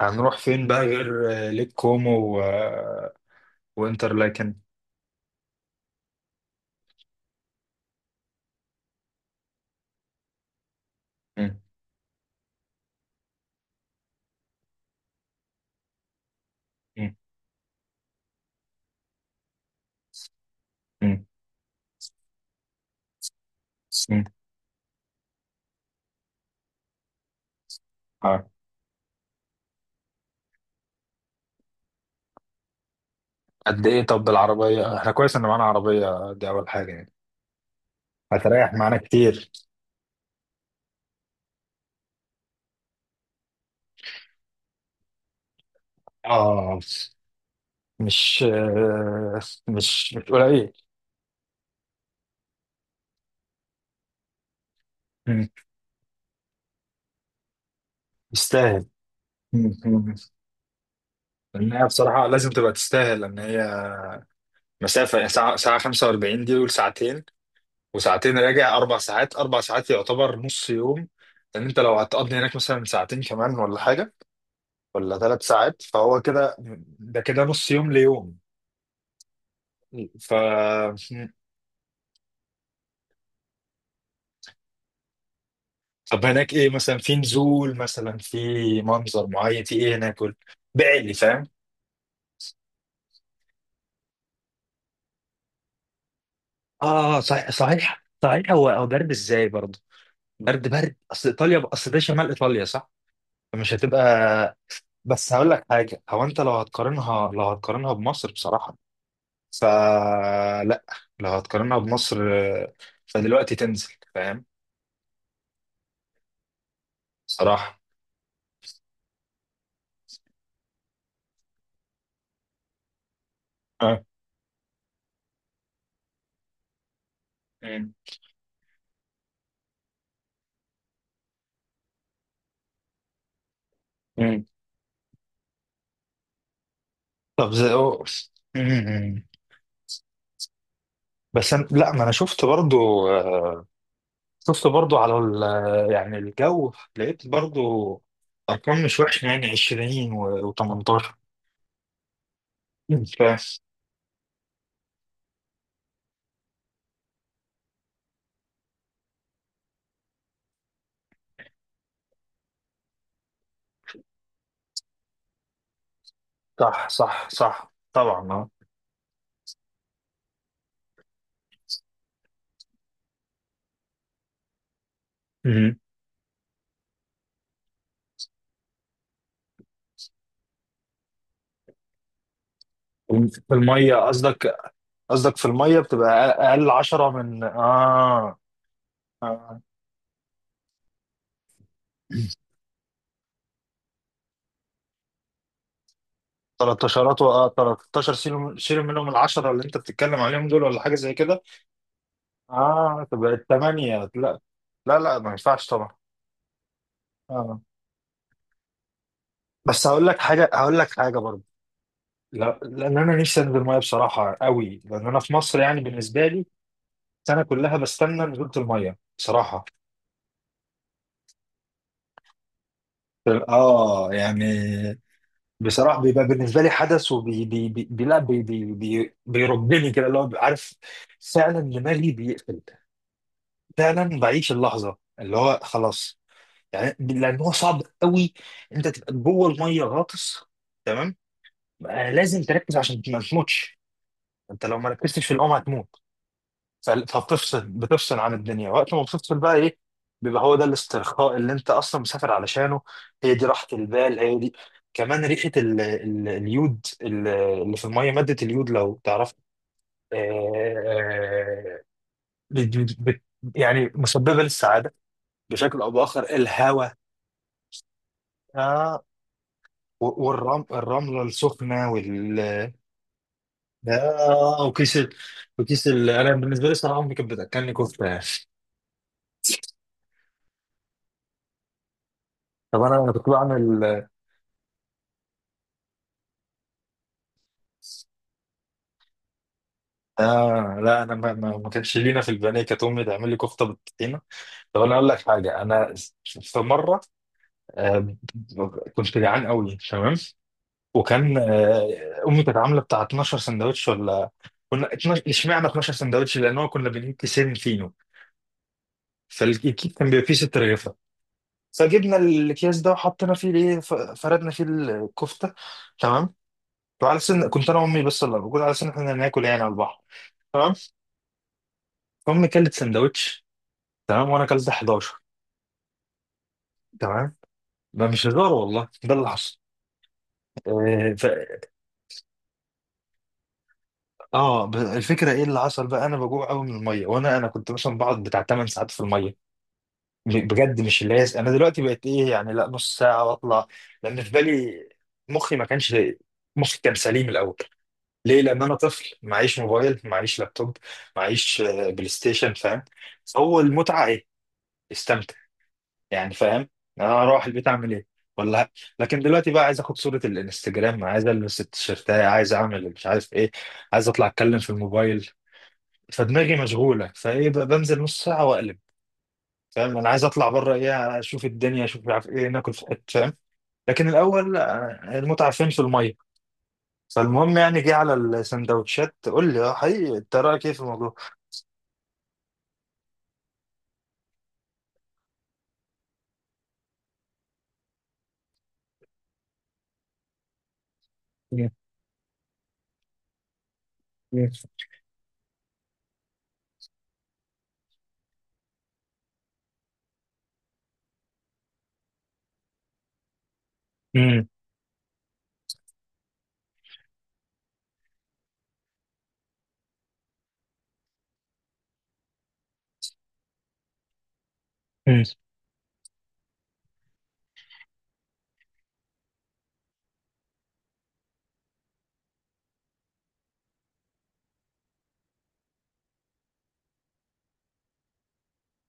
هنروح فين بقى؟ غير ليك كومو، و وانترلاكن. مم. مم. مم. مم. آه. قد ايه؟ طب بالعربية احنا كويس ان معانا عربية، دي اول حاجة يعني. هتريح معانا كتير. اه، مش مش قليل. مم. يستاهل. مم. مم. لان هي بصراحة لازم تبقى تستاهل، لان هي مسافة يعني ساعة 45، دي وساعتين راجع، اربع ساعات. اربع ساعات يعتبر نص يوم، لان انت لو هتقضي هناك مثلا ساعتين كمان ولا حاجة، ولا ثلاث ساعات، فهو كده. ده كده نص يوم ليوم. ف طب هناك ايه مثلا؟ في نزول مثلا، في منظر معين، في ايه هناك؟ قول بعلي فاهم. اه، صحيح، صحيح، صحيح. هو برد ازاي برضه؟ برد، برد. اصل ايطاليا، اصل ده شمال ايطاليا، صح؟ مش هتبقى. بس هقول لك حاجه. هو انت لو هتقارنها، بمصر بصراحه، فلا. لو هتقارنها بمصر، فدلوقتي تنزل فاهم، صراحه. اه. طب زي مم. لا، ما انا شفت برضو شفت برضو على ال... آه، يعني الجو لقيت برضو ارقام مش وحشه، يعني 20 و18. صح، صح، صح، طبعا. اه. مم. في الميه قصدك في الميه بتبقى اقل. أقل 10 من آه. 13 13. شيلوا شيلوا منهم ال 10 اللي انت بتتكلم عليهم دول، ولا حاجه زي كده. اه، تبقى 8. لا، لا، لا، ما ينفعش طبعا. اه. بس هقول لك حاجه، هقول لك حاجه برضه. لا، لان انا نفسي انزل ميه بصراحه قوي. لان انا في مصر يعني بالنسبه لي، السنه كلها بستنى نزوله الميه بصراحه. اه يعني، بصراحه بيبقى بالنسبه لي حدث، وبي بي بي بي لا بي بي بي بيربني كده، اللي هو عارف. فعلا دماغي بيقفل. فعلا بعيش اللحظه، اللي هو خلاص يعني. لان هو صعب قوي، انت تبقى جوه الميه غاطس، تمام. لازم تركز عشان ما تموتش. انت لو ما ركزتش في الأم هتموت. فبتفصل عن الدنيا، وقت ما بتفصل بقى ايه، بيبقى هو ده الاسترخاء اللي انت اصلا مسافر علشانه. هي دي راحة البال، هي دي. كمان ريحة اليود، اللي في المية، مادة اليود لو تعرف. آه، آه، بت... بت... بت- يعني مسببة للسعادة بشكل او باخر، الهواء. آه والرمل، الرملة السخنة، وكيس انا بالنسبة لي الصراحة امي كانت بتاكلني كفتة يعني. طب انا كنت بعمل لا، أنا ما كانش لينا في البنية. كانت أمي تعمل لي كفتة بالطحينة. طب أنا أقول لك حاجة. أنا في مرة، آه كنت جعان قوي، تمام. وكان أمي كانت عاملة بتاع 12 سندوتش، ولا كنا 12. اشمعنى 12 سندوتش؟ لأن هو كنا بنجيب كيسين فينو، فالكيس كان بيبقى فيه ست رغيفة، فجبنا الأكياس ده وحطينا فيه الإيه، فردنا فيه الكفتة، تمام. وعلى سن كنت أنا وأمي بس اللي موجود على سن، إحنا ناكل يعني على البحر، تمام. فأمي كلت سندوتش، تمام، وانا كلت 11. تمام. ما مش هزار والله، ده اللي حصل. آه ف... اه، الفكره ايه اللي حصل بقى، انا بجوع قوي من الميه، وانا كنت مثلا بقعد بتاع 8 ساعات في الميه. بجد، مش اللي هي انا دلوقتي بقيت ايه يعني، لا، نص ساعه واطلع. لان في بالي، مخي ما كانش، مخي كان سليم الاول. ليه؟ لان انا طفل، معيش موبايل، معيش لابتوب، معيش بلاي ستيشن، فاهم. فهو المتعه ايه؟ استمتع. يعني فاهم، انا اروح البيت اعمل ايه؟ ولا، لكن دلوقتي بقى عايز اخد صورة الانستجرام، عايز البس التيشيرتاية، عايز اعمل مش عارف ايه، عايز اطلع اتكلم في الموبايل. فدماغي مشغولة فايه بقى، بنزل نص ساعة واقلب. فاهم، انا عايز اطلع بره ايه، اشوف الدنيا، اشوف مش عارف ايه، ناكل في حتة، فاهم. لكن الاول المتعة فين؟ في المية. فالمهم يعني جه على السندوتشات، قول لي اه، حقيقي انت رايك ايه في الموضوع؟ مم. مم. مم.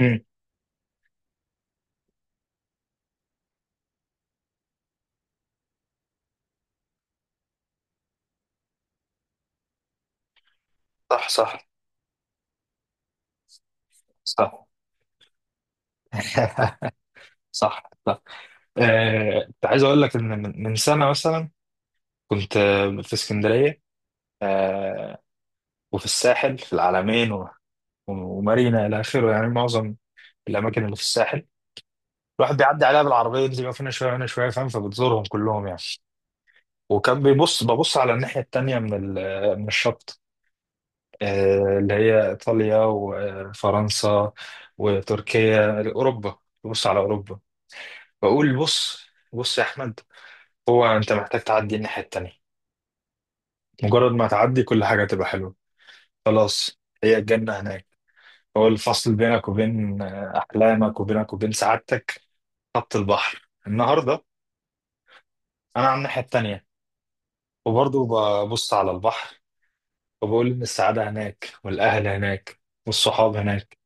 مم. صح، صح، صح. صح، صح. كنت عايز اقول لك ان، من سنه مثلا، كنت في اسكندريه، آه، وفي الساحل، في العلمين ومارينا، الى اخره يعني معظم الاماكن اللي في الساحل، الواحد بيعدي عليها بالعربيه، ينزل يقف هنا شويه هنا شويه، فاهم. فبتزورهم كلهم يعني. وكان بيبص على الناحيه التانيه من من الشط، اللي هي ايطاليا وفرنسا وتركيا، اوروبا. ببص على اوروبا، بقول بص، بص يا احمد، هو انت محتاج تعدي الناحيه التانيه. مجرد ما تعدي، كل حاجة تبقى حلوة، خلاص هي الجنة هناك. هو الفصل بينك وبين أحلامك، وبينك وبين سعادتك، خط البحر النهاردة. أنا على الناحية التانية، وبرضه ببص على البحر، وبقول إن السعادة هناك، والأهل هناك، والصحاب هناك،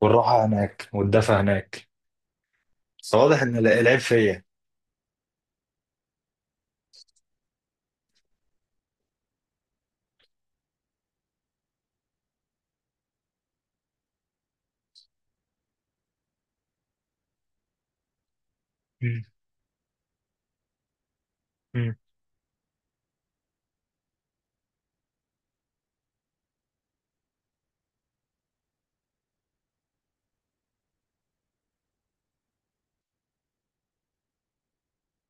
والراحة هناك، والدفى هناك. فواضح إن العيب فيا. مم. مم.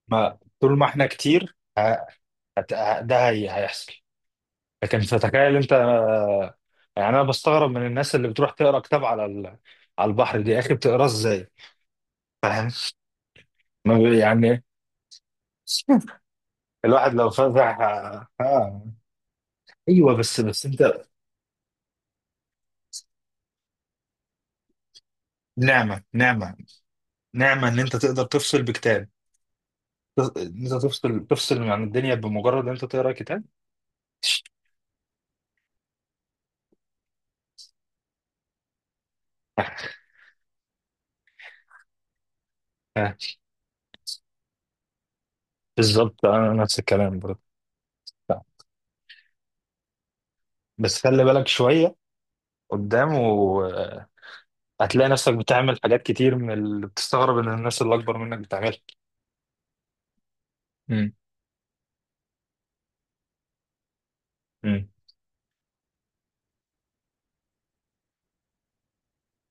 ما طول ما إحنا كتير، ه- ده هي هيحصل، لكن تتخيل انت يعني، انا بستغرب من الناس اللي بتروح تقرا كتاب على على البحر دي، يا اخي بتقراه ازاي؟ فاهم. ما بي- يعني الواحد لو فتح ايوه، بس انت. نعمه، نعمه، نعمه ان انت تقدر تفصل بكتاب. ان انت تفصل عن الدنيا بمجرد ان انت تقرا كتاب. آه، بالظبط، انا نفس الكلام برضه. بس خلي بالك شويه قدام، وهتلاقي نفسك بتعمل حاجات كتير من اللي بتستغرب ان الناس اللي اكبر منك بتعملها. مم. مم.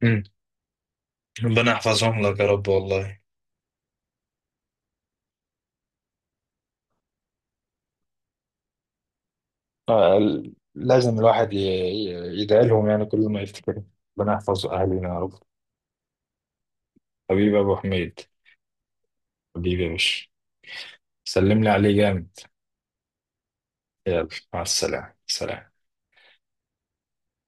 مم. ربنا يحفظهم لك يا رب، والله. لازم الواحد يدعي لهم يعني كل ما يفتكر، ربنا يحفظ أهلنا يا رب. حبيبي يا أبو حميد. حبيبي يا باشا، سلم لي عليه جامد. يلا، مع السلامة، سلام.